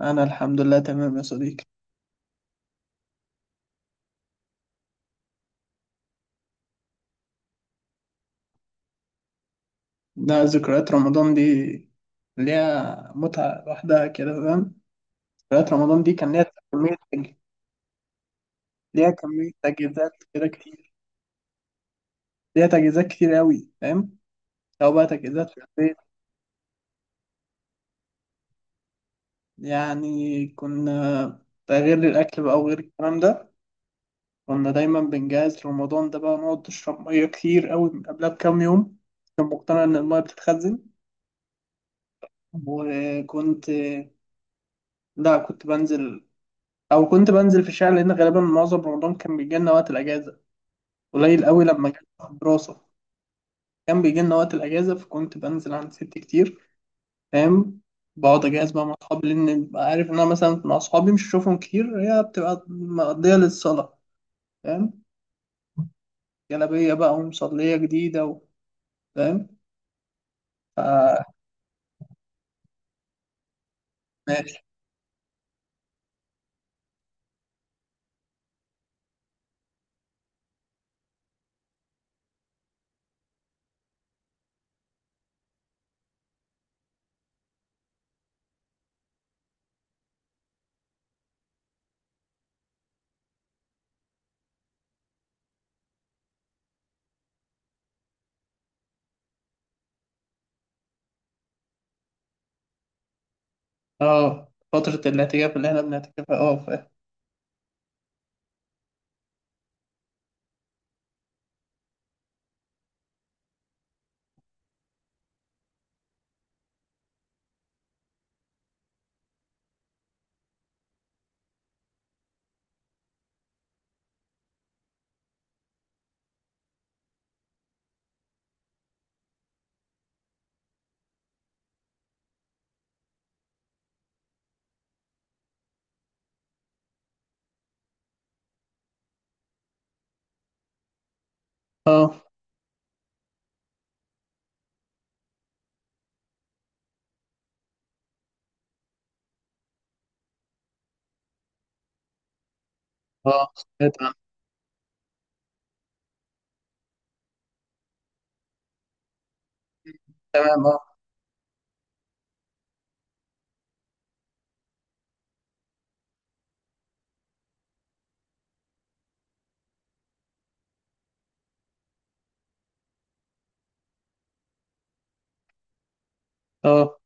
أنا الحمد لله تمام يا صديقي. ده ذكريات رمضان دي ليها متعة لوحدها كده، فاهم. ذكريات رمضان دي كان ليها كمية تج- ليها كمية تجهيزات كده كتير، ليها تجهيزات كتير أوي، فاهم. لو بقى تجهيزات في البيت، يعني كنا، ده غير الأكل بقى وغير الكلام ده. كنا دايما بنجهز رمضان ده، بقى نقعد نشرب مية كتير أوي من قبلها بكام يوم. كنت مقتنع إن المية بتتخزن. وكنت، لا، كنت بنزل في الشارع لان غالبا معظم رمضان كان بيجي لنا وقت الاجازه، قليل قوي لما كان في الدراسه. كان بيجي لنا وقت الاجازه، فكنت بنزل عند ستي كتير، فاهم. بقعد اجهز بقى مع اصحابي لان ببقى عارف ان انا مثلا مع اصحابي مش هشوفهم كتير، هي بتبقى مقضيه للصلاه، فاهم. جلابيه بقى ومصليه جديده فاهم ف- ماشي. اه، فتره الاعتكاف اللي احنا بنعتكفها، اه فاهم. اه. اه سمعت عنها. تمام اه. اه.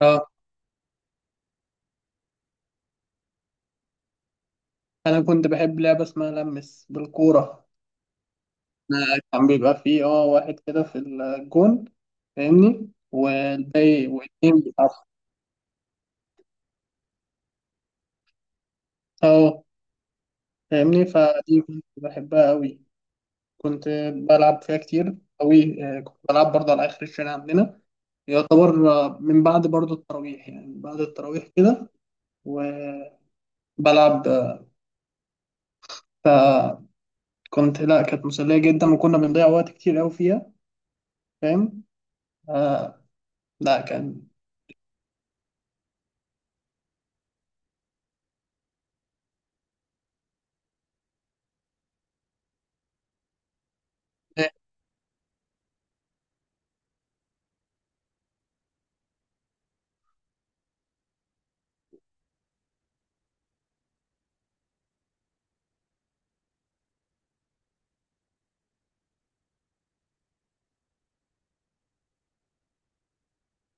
اه. انا كنت بحب لعبه اسمها لمس بالكوره. كان بيبقى فيه واحد كده في الجون، فاهمني، والباقي واتنين بيلعبوا. اه فاهمني، فدي كنت بحبها أوي، كنت بلعب فيها كتير أوي. كنت بلعب برضه على آخر الشارع عندنا، يعتبر من بعد برضه التراويح، يعني من بعد التراويح كده. وبلعب آه، فكنت لا، كانت مسلية جدا وكنا بنضيع وقت كتير أوي فيها، فاهم. آه. لا. كان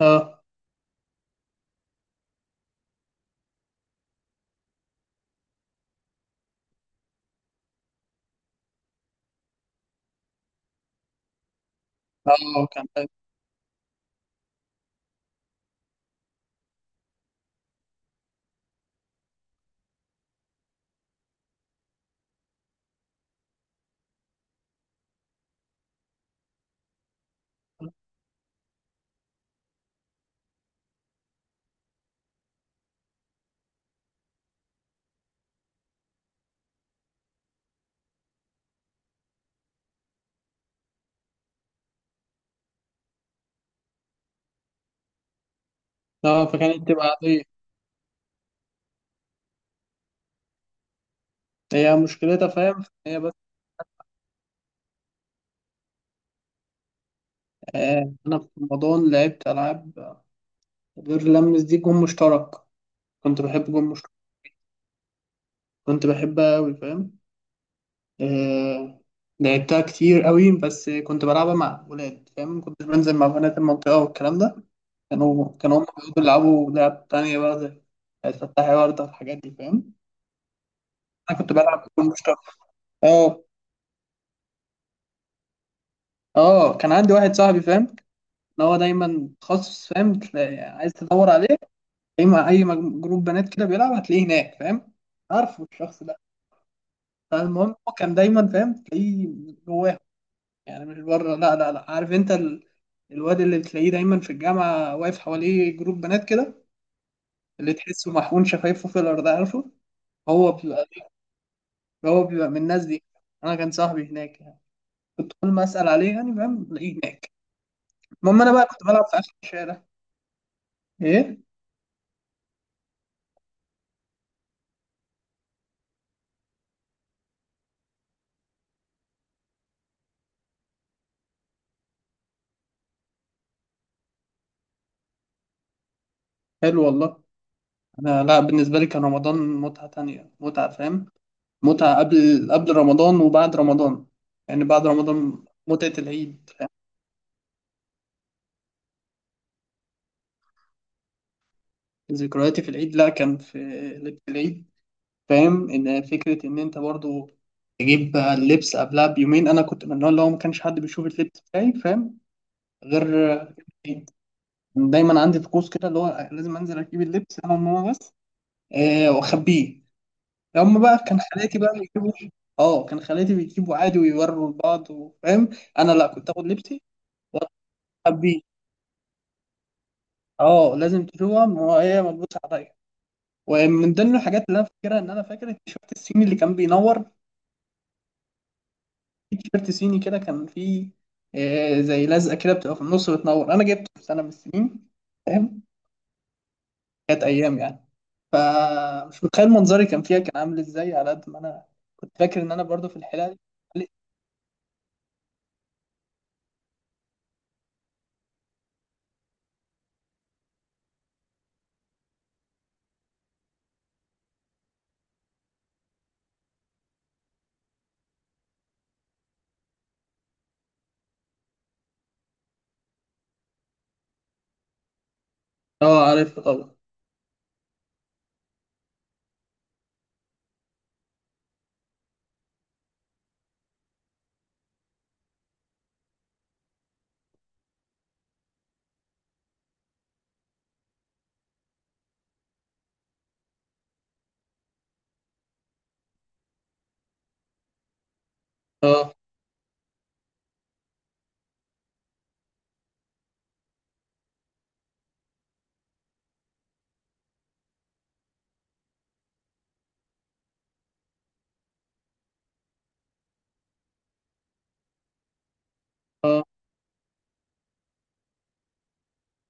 اه اه كان اه فكانت تبقى عادية. هي مشكلتها، فاهم، هي بس. آه، انا في رمضان لعبت العاب غير لمس دي، جون مشترك. كنت بحب جون مشترك، كنت بحبها قوي، فاهم. آه، لعبتها كتير قوي، بس كنت بلعبها مع ولاد، فاهم. ما كنتش بنزل مع بنات المنطقة والكلام ده. كانوا هم بيقعدوا يلعبوا لعب تانية بقى زي فتحي وردة الحاجات دي، فاهم. انا كنت بلعب جون مشترك. اه. اه، كان عندي واحد صاحبي، فاهم، ان هو دايما تخصص، فاهم. عايز تدور عليه، اي ما اي جروب بنات كده بيلعب هتلاقيه هناك، فاهم. عارفه الشخص ده. فالمهم هو كان دايما، فاهم، تلاقيه جواه، يعني مش بره، لا لا لا. عارف انت الواد اللي بتلاقيه دايما في الجامعه واقف حواليه جروب بنات كده، اللي تحسه محقون شفايفه في الارض، عارفه. هو بيبقى هو بيبقى من الناس دي. انا كان صاحبي هناك، يعني كنت كل ما اسال عليه يعني فاهم تلاقيه هناك. المهم انا بقى كنت بلعب في اخر الشارع، ايه. حلو والله. انا لا، بالنسبه لي كان رمضان متعه تانية، متعه فاهم، متعة قبل رمضان وبعد رمضان. يعني بعد رمضان متعة العيد، فاهم؟ ذكرياتي في العيد، لا كان في لبس العيد، فاهم، ان فكرة ان انت برضو تجيب بقى اللبس قبلها بيومين. انا كنت من النوع اللي هو ما كانش حد بيشوف اللبس بتاعي، فاهم، غير العيد. دايما عندي طقوس كده اللي هو لازم انزل اجيب اللبس انا وماما بس. واخبيه. هم بقى كان خالاتي بقى بيجيبوا. اه، كان خالاتي بيجيبوا عادي ويوروا لبعض وفاهم. انا لا، كنت اخد لبسي واخبيه. اه، لازم تشوفهم وهي ملبوسة عليا. ومن ضمن الحاجات اللي انا فاكرها ان انا فاكر التيشيرت الصيني اللي كان بينور. في تيشيرت صيني كده كان فيه زي لزقة كده بتبقى في النص بتنور. انا جبته في سنة من السنين، فاهم. كانت ايام يعني. فمش متخيل منظري كان فيها، كان عامل ازاي، على قد ما انا كنت فاكر ان انا برضو في الحلقة دي. اه، عارف طبعا. اه. اه،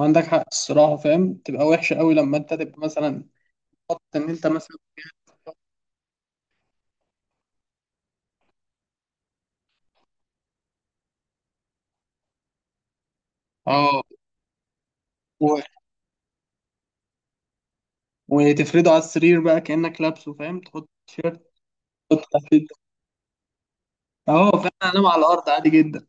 عندك حق الصراحة، فاهم، تبقى وحشة قوي لما انت تبقى مثلا، حط ان انت مثلا. اه، وتفرده على السرير بقى كأنك لابسه، فاهم، تحط تيشيرت، تحط تحت. اه فاهم، انام على الارض عادي جدا.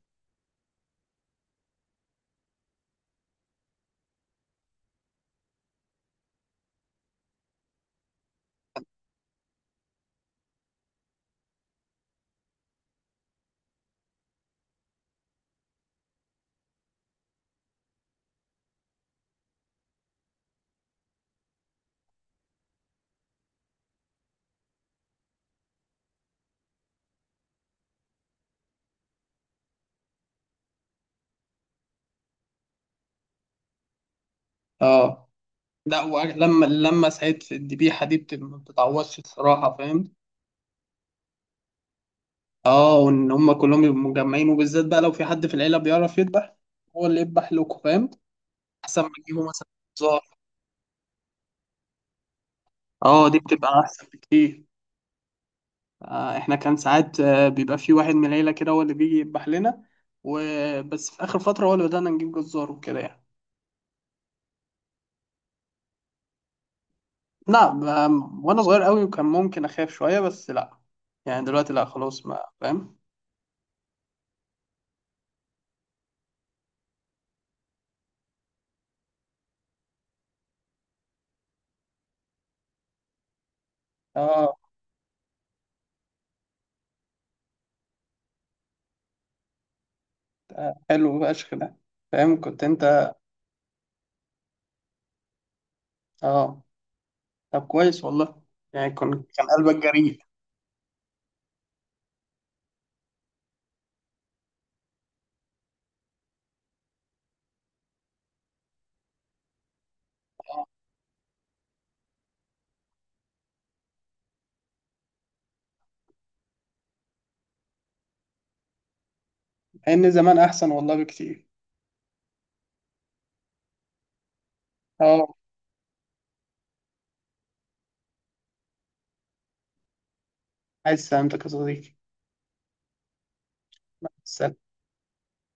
اه لا، ولما لما سعيد في الذبيحه دي ما بتتعوضش الصراحه، فاهم. اه، وان هم كلهم يبقوا مجمعين، وبالذات بقى لو في حد في العيله بيعرف يذبح، هو اللي يذبح لكم، فاهم. احسن ما تجيبوا مثلا زار. اه دي بتبقى احسن بكتير. آه، احنا كان ساعات، بيبقى في واحد من العيله كده هو اللي بيجي يذبح لنا. وبس في اخر فتره هو اللي بدانا نجيب جزار وكده يعني. نعم. وانا صغير قوي وكان ممكن اخاف شويه، بس لا. يعني دلوقتي لا، خلاص ما فاهم. اه. حلو فشخ ده، فاهم، كنت انت. اه. طب كويس والله. يعني كان قلبك جريء. آه. ان زمان احسن والله بكتير. اه، عايز سلامتك يا صديقي. سلام.